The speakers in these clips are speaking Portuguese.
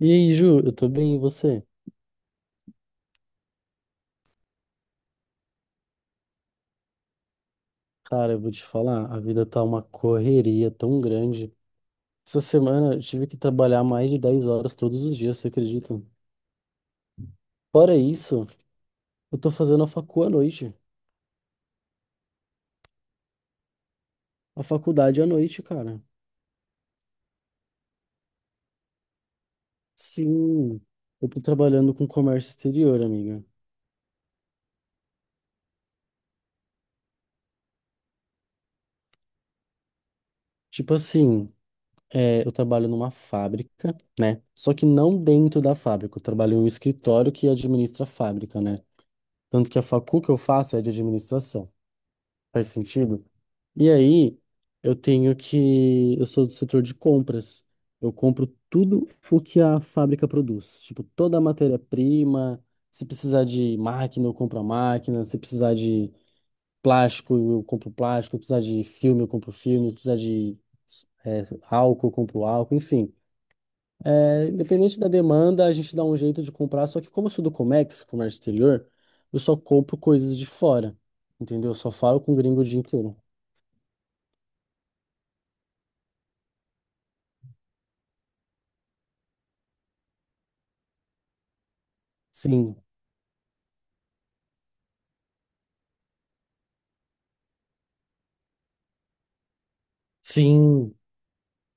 E aí, Ju, eu tô bem, e você? Cara, eu vou te falar, a vida tá uma correria tão grande. Essa semana eu tive que trabalhar mais de 10 horas todos os dias, você acredita? Fora isso, eu tô fazendo a facu à noite, a faculdade à noite, cara. Sim, eu tô trabalhando com comércio exterior, amiga. Tipo assim, é, eu trabalho numa fábrica, né? Só que não dentro da fábrica, eu trabalho em um escritório que administra a fábrica, né? Tanto que a facu que eu faço é de administração. Faz sentido? E aí, eu tenho que. Eu sou do setor de compras. Eu compro tudo o que a fábrica produz. Tipo, toda a matéria-prima. Se precisar de máquina, eu compro a máquina. Se precisar de plástico, eu compro plástico. Se precisar de filme, eu compro filme. Se precisar de é, álcool, eu compro álcool. Enfim. É, independente da demanda, a gente dá um jeito de comprar. Só que, como eu sou do Comex, comércio exterior, eu só compro coisas de fora. Entendeu? Eu só falo com gringo o dia inteiro. Sim, sim,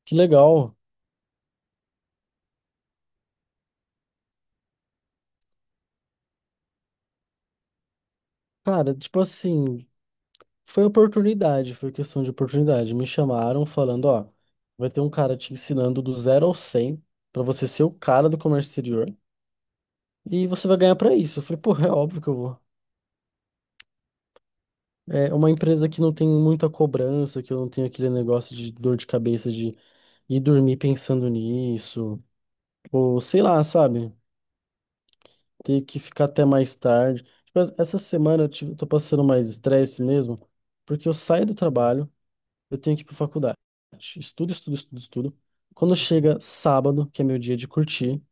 que legal. Cara, tipo assim, foi oportunidade, foi questão de oportunidade. Me chamaram falando, ó, vai ter um cara te ensinando do 0 ao 100 pra você ser o cara do comércio exterior e você vai ganhar pra isso. Eu falei, pô, é óbvio que eu vou. É uma empresa que não tem muita cobrança, que eu não tenho aquele negócio de dor de cabeça de ir dormir pensando nisso, ou sei lá, sabe? Ter que ficar até mais tarde. Tipo, essa semana eu tô passando mais estresse mesmo, porque eu saio do trabalho eu tenho que ir pra faculdade. Estudo, estudo, estudo, estudo. Quando chega sábado, que é meu dia de curtir,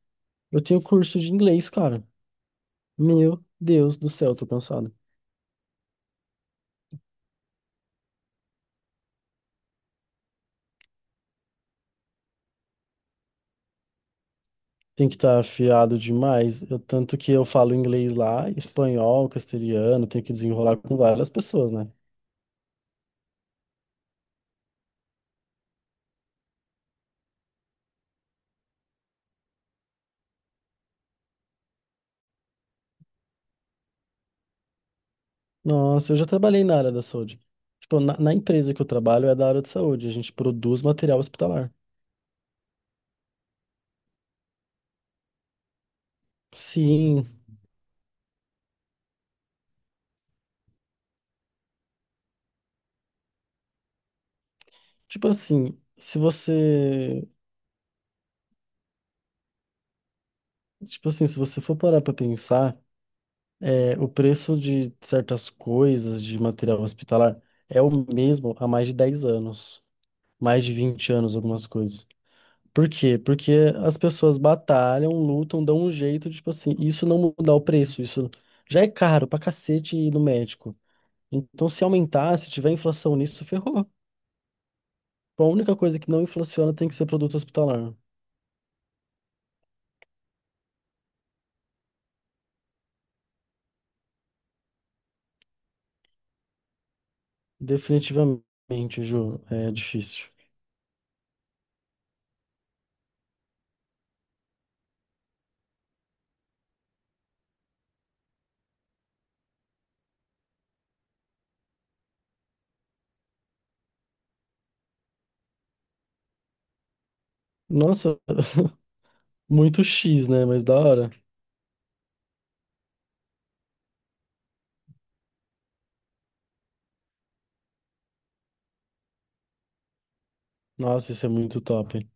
eu tenho curso de inglês, cara. Meu Deus do céu, eu tô cansado. Tem que estar afiado demais. Tanto que eu falo inglês lá, espanhol, castelhano, tenho que desenrolar com várias pessoas, né? Nossa, eu já trabalhei na área da saúde. Tipo, na empresa que eu trabalho é da área de saúde, a gente produz material hospitalar. Sim, tipo assim, se você, tipo assim, se você for parar pra pensar, é, o preço de certas coisas de material hospitalar é o mesmo há mais de 10 anos, mais de 20 anos, algumas coisas. Por quê? Porque as pessoas batalham, lutam, dão um jeito, de, tipo assim, isso não mudar o preço, isso já é caro pra cacete ir no médico. Então, se aumentar, se tiver inflação nisso, ferrou. Então, a única coisa que não inflaciona tem que ser produto hospitalar. Definitivamente, Ju, é difícil. Nossa, muito X, né? Mas da hora. Nossa, isso é muito top.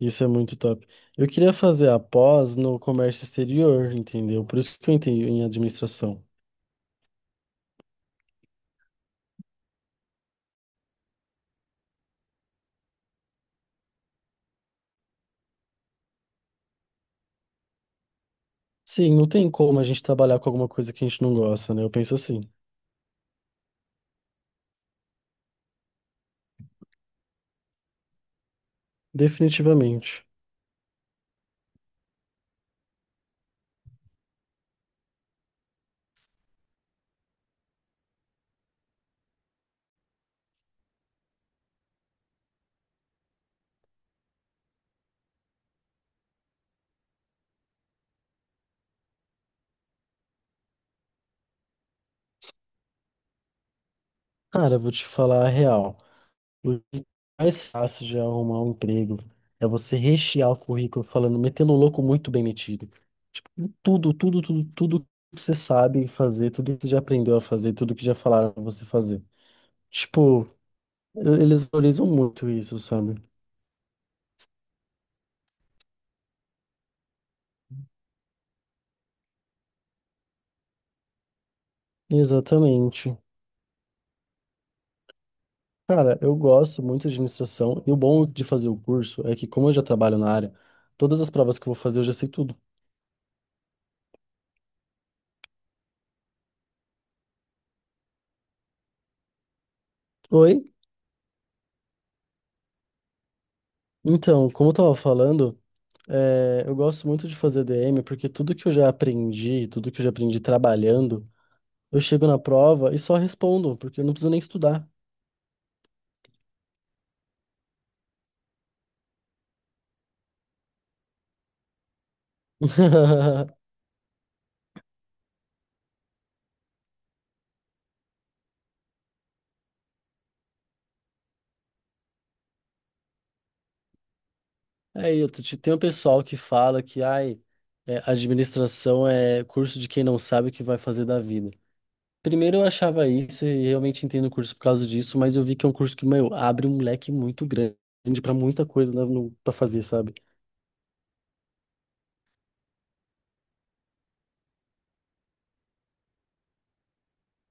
Isso é muito top. Eu queria fazer a pós no comércio exterior, entendeu? Por isso que eu entrei em administração. Sim, não tem como a gente trabalhar com alguma coisa que a gente não gosta, né? Eu penso assim, definitivamente. Cara, eu vou te falar a real. O que é mais fácil de arrumar um emprego é você rechear o currículo falando, metendo o louco muito bem metido. Tipo, tudo, tudo, tudo, tudo que você sabe fazer, tudo que você já aprendeu a fazer, tudo que já falaram pra você fazer. Tipo, eles valorizam muito isso, sabe? Exatamente. Cara, eu gosto muito de administração e o bom de fazer o curso é que, como eu já trabalho na área, todas as provas que eu vou fazer eu já sei tudo. Oi? Então, como eu tava falando, é, eu gosto muito de fazer DM porque tudo que eu já aprendi, tudo que eu já aprendi trabalhando, eu chego na prova e só respondo, porque eu não preciso nem estudar. É, tem um pessoal que fala que, ai, é, administração é curso de quem não sabe o que vai fazer da vida. Primeiro eu achava isso e realmente entrei no curso por causa disso, mas eu vi que é um curso que, meu, abre um leque muito grande para muita coisa né, pra fazer, sabe?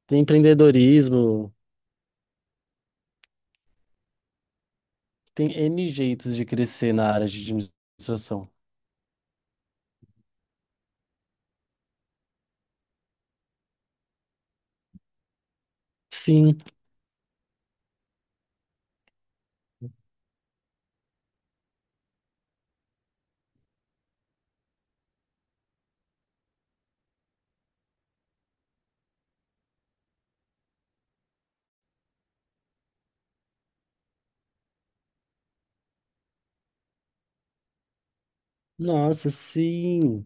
Tem empreendedorismo, tem N jeitos de crescer na área de administração. Sim, nossa, sim.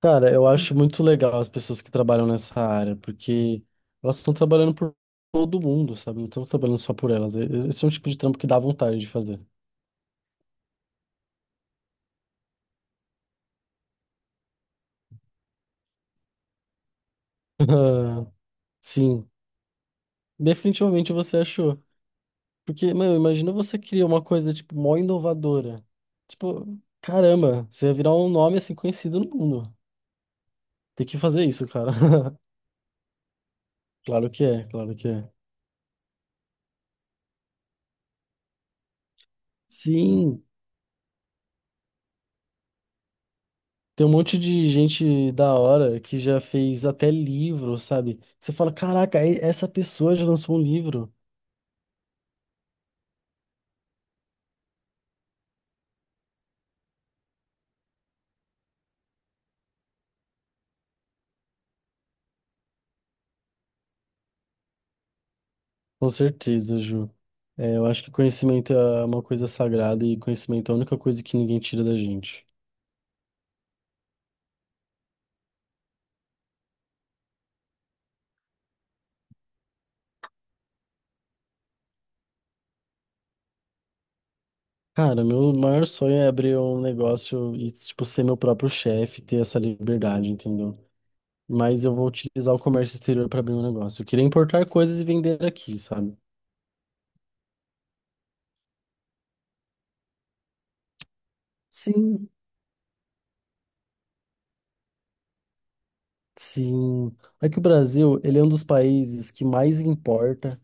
Cara, eu acho muito legal as pessoas que trabalham nessa área, porque elas estão trabalhando por todo mundo, sabe? Não estão trabalhando só por elas. Esse é um tipo de trampo que dá vontade de fazer. Sim, definitivamente você achou. Porque, mano, imagina você criar uma coisa, tipo, mó inovadora. Tipo, caramba, você ia virar um nome assim conhecido no mundo. Tem que fazer isso, cara. Claro que é, claro que é. Sim, tem um monte de gente da hora que já fez até livro, sabe? Você fala, caraca, essa pessoa já lançou um livro. Com certeza, Ju. É, eu acho que conhecimento é uma coisa sagrada e conhecimento é a única coisa que ninguém tira da gente. Cara, meu maior sonho é abrir um negócio e, tipo, ser meu próprio chefe, ter essa liberdade, entendeu? Mas eu vou utilizar o comércio exterior para abrir um negócio. Eu queria importar coisas e vender aqui, sabe? Sim, sim. É que o Brasil, ele é um dos países que mais importa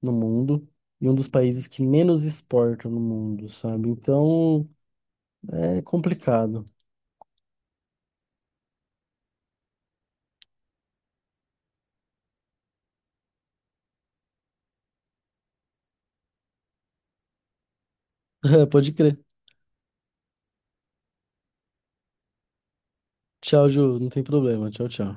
no mundo e um dos países que menos exporta no mundo, sabe? Então, é complicado. Pode crer. Tchau, Ju. Não tem problema. Tchau, tchau.